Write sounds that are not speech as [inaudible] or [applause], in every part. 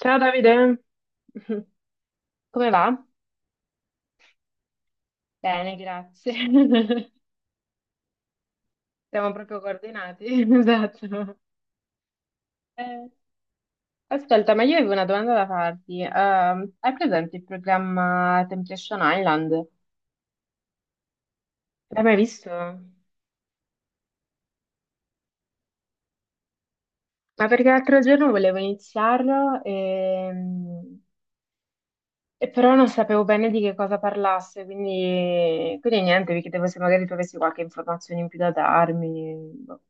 Ciao Davide, [laughs] come va? Bene, grazie. [laughs] Siamo proprio coordinati. [laughs] Esatto. Eh, ascolta, ma io avevo una domanda da farti. Hai presente il programma Temptation Island? L'hai mai visto? Ma perché l'altro giorno volevo iniziarlo e però non sapevo bene di che cosa parlasse, quindi niente, vi chiedevo se magari tu avessi qualche informazione in più da darmi. Boh.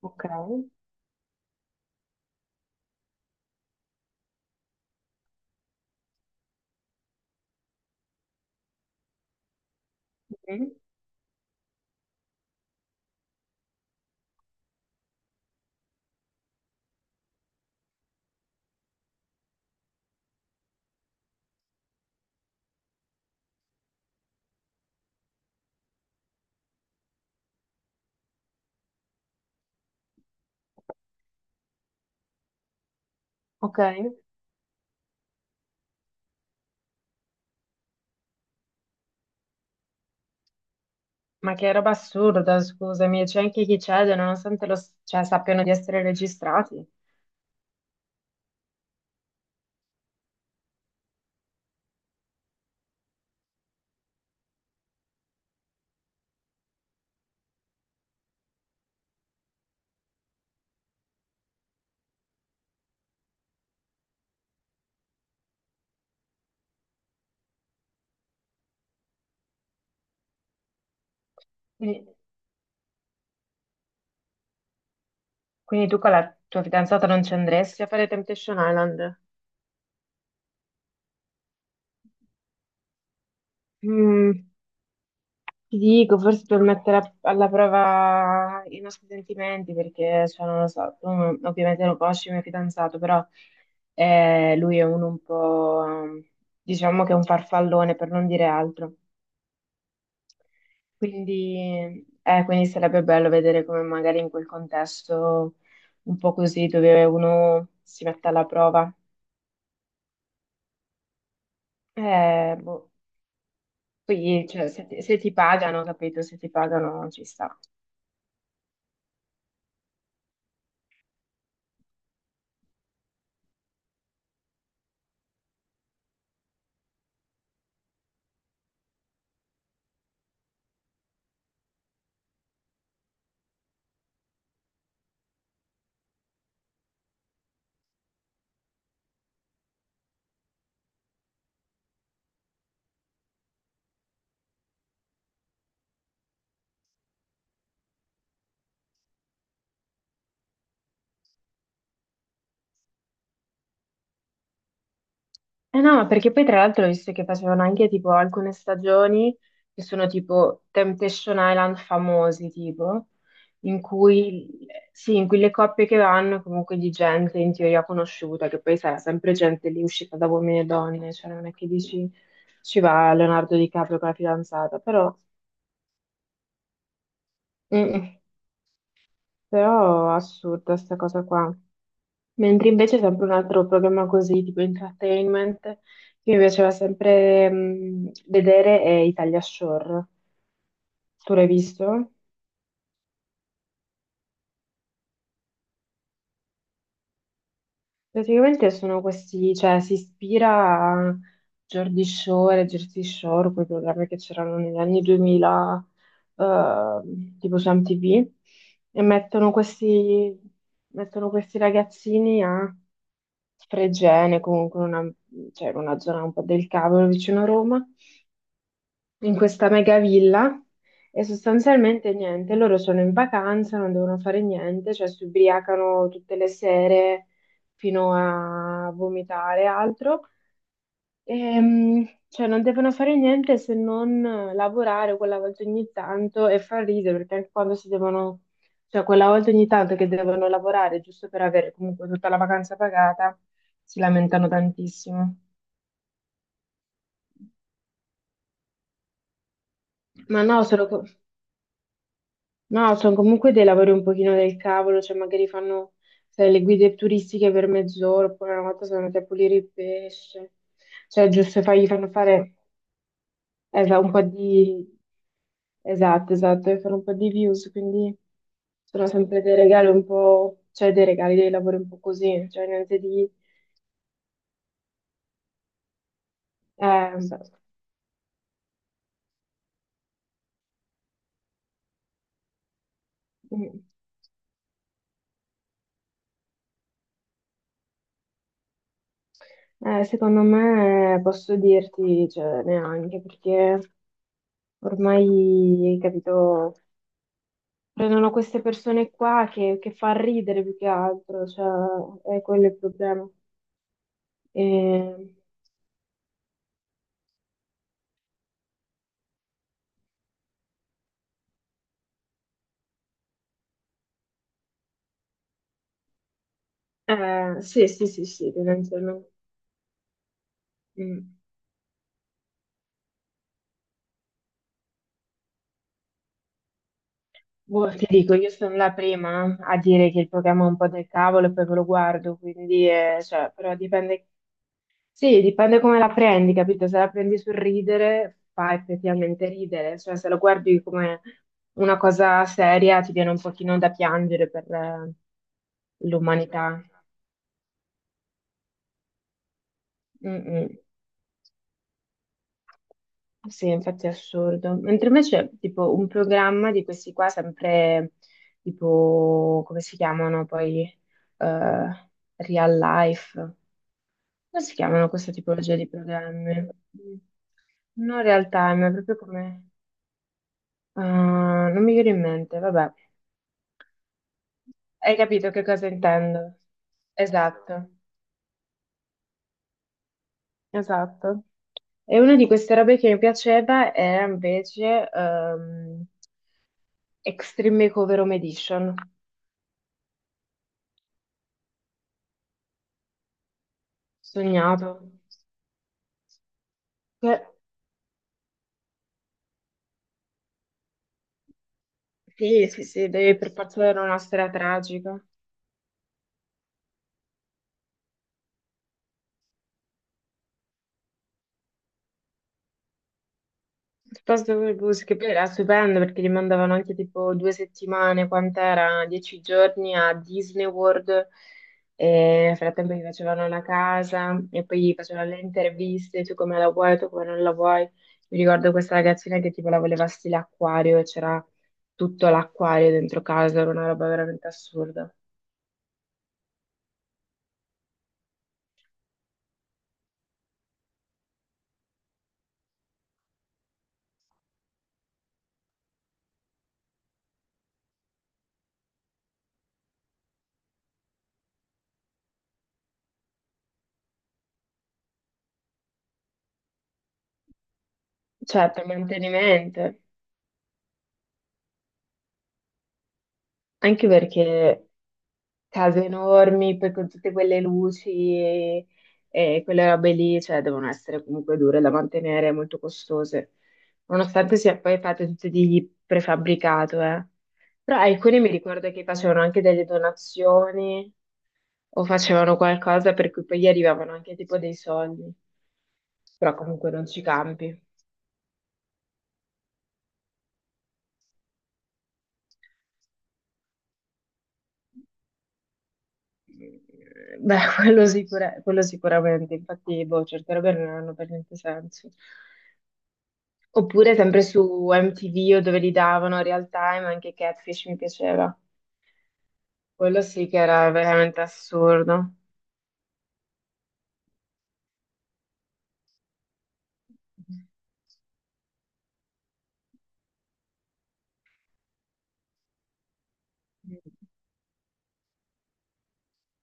Ok. Mhm. Ok. Ma che roba assurda, scusami, c'è anche chi cede nonostante lo, cioè, sappiano di essere registrati. Quindi, quindi tu con la tua fidanzata non ci andresti a fare Temptation Island? Mm, ti dico, forse per mettere alla prova i nostri sentimenti, perché, cioè, non lo so, tu ovviamente lo conosci il mio fidanzato, però lui è uno un po', diciamo che è un farfallone, per non dire altro. Quindi sarebbe bello vedere come magari in quel contesto un po' così dove uno si mette alla prova. Boh. Poi, cioè, se ti pagano, capito? Se ti pagano ci sta. Eh no, ma perché poi tra l'altro ho visto che facevano anche tipo alcune stagioni che sono tipo Temptation Island famosi, tipo, in cui, sì, in cui le coppie che vanno comunque di gente in teoria conosciuta, che poi sarà sempre gente lì uscita da uomini e donne, cioè non è che dici ci va Leonardo DiCaprio con la fidanzata, però, mm, mm, però assurda sta cosa qua. Mentre invece sempre un altro programma così, tipo entertainment, che mi piaceva sempre vedere è Italia Shore. Tu l'hai visto? Praticamente sono questi, cioè si ispira a Jordi Shore, e Jersey Shore, quei programmi che c'erano negli anni 2000, eh, tipo su MTV, e mettono questi ragazzini a Fregene, comunque una, cioè, una zona un po' del cavolo vicino a Roma, in questa mega villa e sostanzialmente niente, loro sono in vacanza, non devono fare niente, cioè si ubriacano tutte le sere fino a vomitare e altro, e, cioè non devono fare niente se non lavorare quella volta ogni tanto e far ridere, perché anche quando si devono, cioè quella volta ogni tanto che devono lavorare giusto per avere comunque tutta la vacanza pagata, si lamentano tantissimo. Ma no, sono, No, sono comunque dei lavori un pochino del cavolo, cioè magari fanno sai, le guide turistiche per mezz'ora, oppure una volta sono andati a pulire il pesce, cioè giusto gli fanno fare un po' di... Esatto, esatto, e fare un po' di views, quindi sono sempre dei regali un po', cioè dei regali, dei lavori un po' così, cioè niente di... eh, mm. Secondo me posso dirti, cioè, neanche perché ormai, capito, prendono queste persone qua che fa ridere più che altro, cioè è quello il problema. E- sì, sì, sì, sì, tendenzialmente. Mm. Boh, ti dico, io sono la prima a dire che il programma è un po' del cavolo e poi ve lo guardo, quindi, cioè, però dipende, sì, dipende come la prendi, capito? Se la prendi sul ridere, fa effettivamente ridere, cioè se lo guardi come una cosa seria ti viene un pochino da piangere per l'umanità. Mm-mm. Sì, infatti è assurdo. Mentre invece, tipo, un programma di questi qua, sempre, tipo, come si chiamano poi, eh, Real Life? Come si chiamano questa tipologia di programmi? Non real time, è proprio come... Ah, non mi viene in mente, vabbè. Hai capito che cosa intendo? Esatto. Esatto. E una di queste robe che mi piaceva era invece Extreme Makeover Home Edition. Sognato. Beh, sì, sì, sì, deve per forza avere una storia tragica. Piuttosto che Goose, che poi era stupendo perché li mandavano anche tipo 2 settimane, quant'era? 10 giorni a Disney World. E nel frattempo gli facevano la casa e poi gli facevano le interviste, tu come la vuoi, tu come non la vuoi. Mi ricordo questa ragazzina che tipo la voleva stile acquario e c'era tutto l'acquario dentro casa, era una roba veramente assurda. Cioè, per mantenimento, anche perché case enormi, poi con tutte quelle luci e, e quelle robe lì, cioè devono essere comunque dure da mantenere, molto costose, nonostante sia poi fatto tutto di prefabbricato, eh. Però alcuni mi ricordo che facevano anche delle donazioni o facevano qualcosa per cui poi gli arrivavano anche tipo dei soldi, però comunque non ci campi. Beh, [laughs] quello, quello sicuramente, infatti, boh, certe robe non hanno per niente senso. Oppure sempre su MTV o dove li davano Real Time, anche Catfish mi piaceva. Quello sì che era veramente assurdo.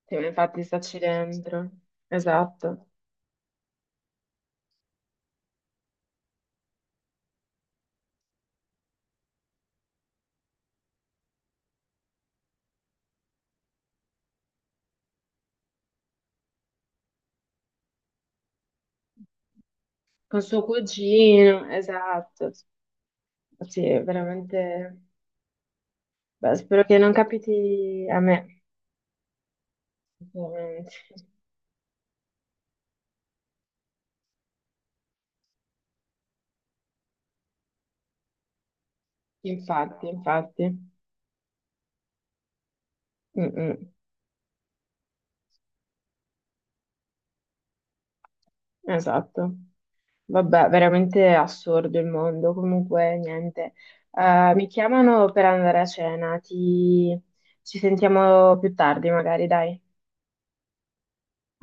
Sì, ma infatti staci dentro. Esatto. Con suo cugino, esatto. Sì, è veramente. Beh, spero che non capiti a me. Veramente. Infatti, infatti. Mm, mm. Esatto. Vabbè, veramente assurdo il mondo. Comunque, niente. Mi chiamano per andare a cena. Ti... Ci sentiamo più tardi, magari, dai.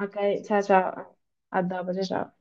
Ok, ciao ciao. A dopo, ciao ciao.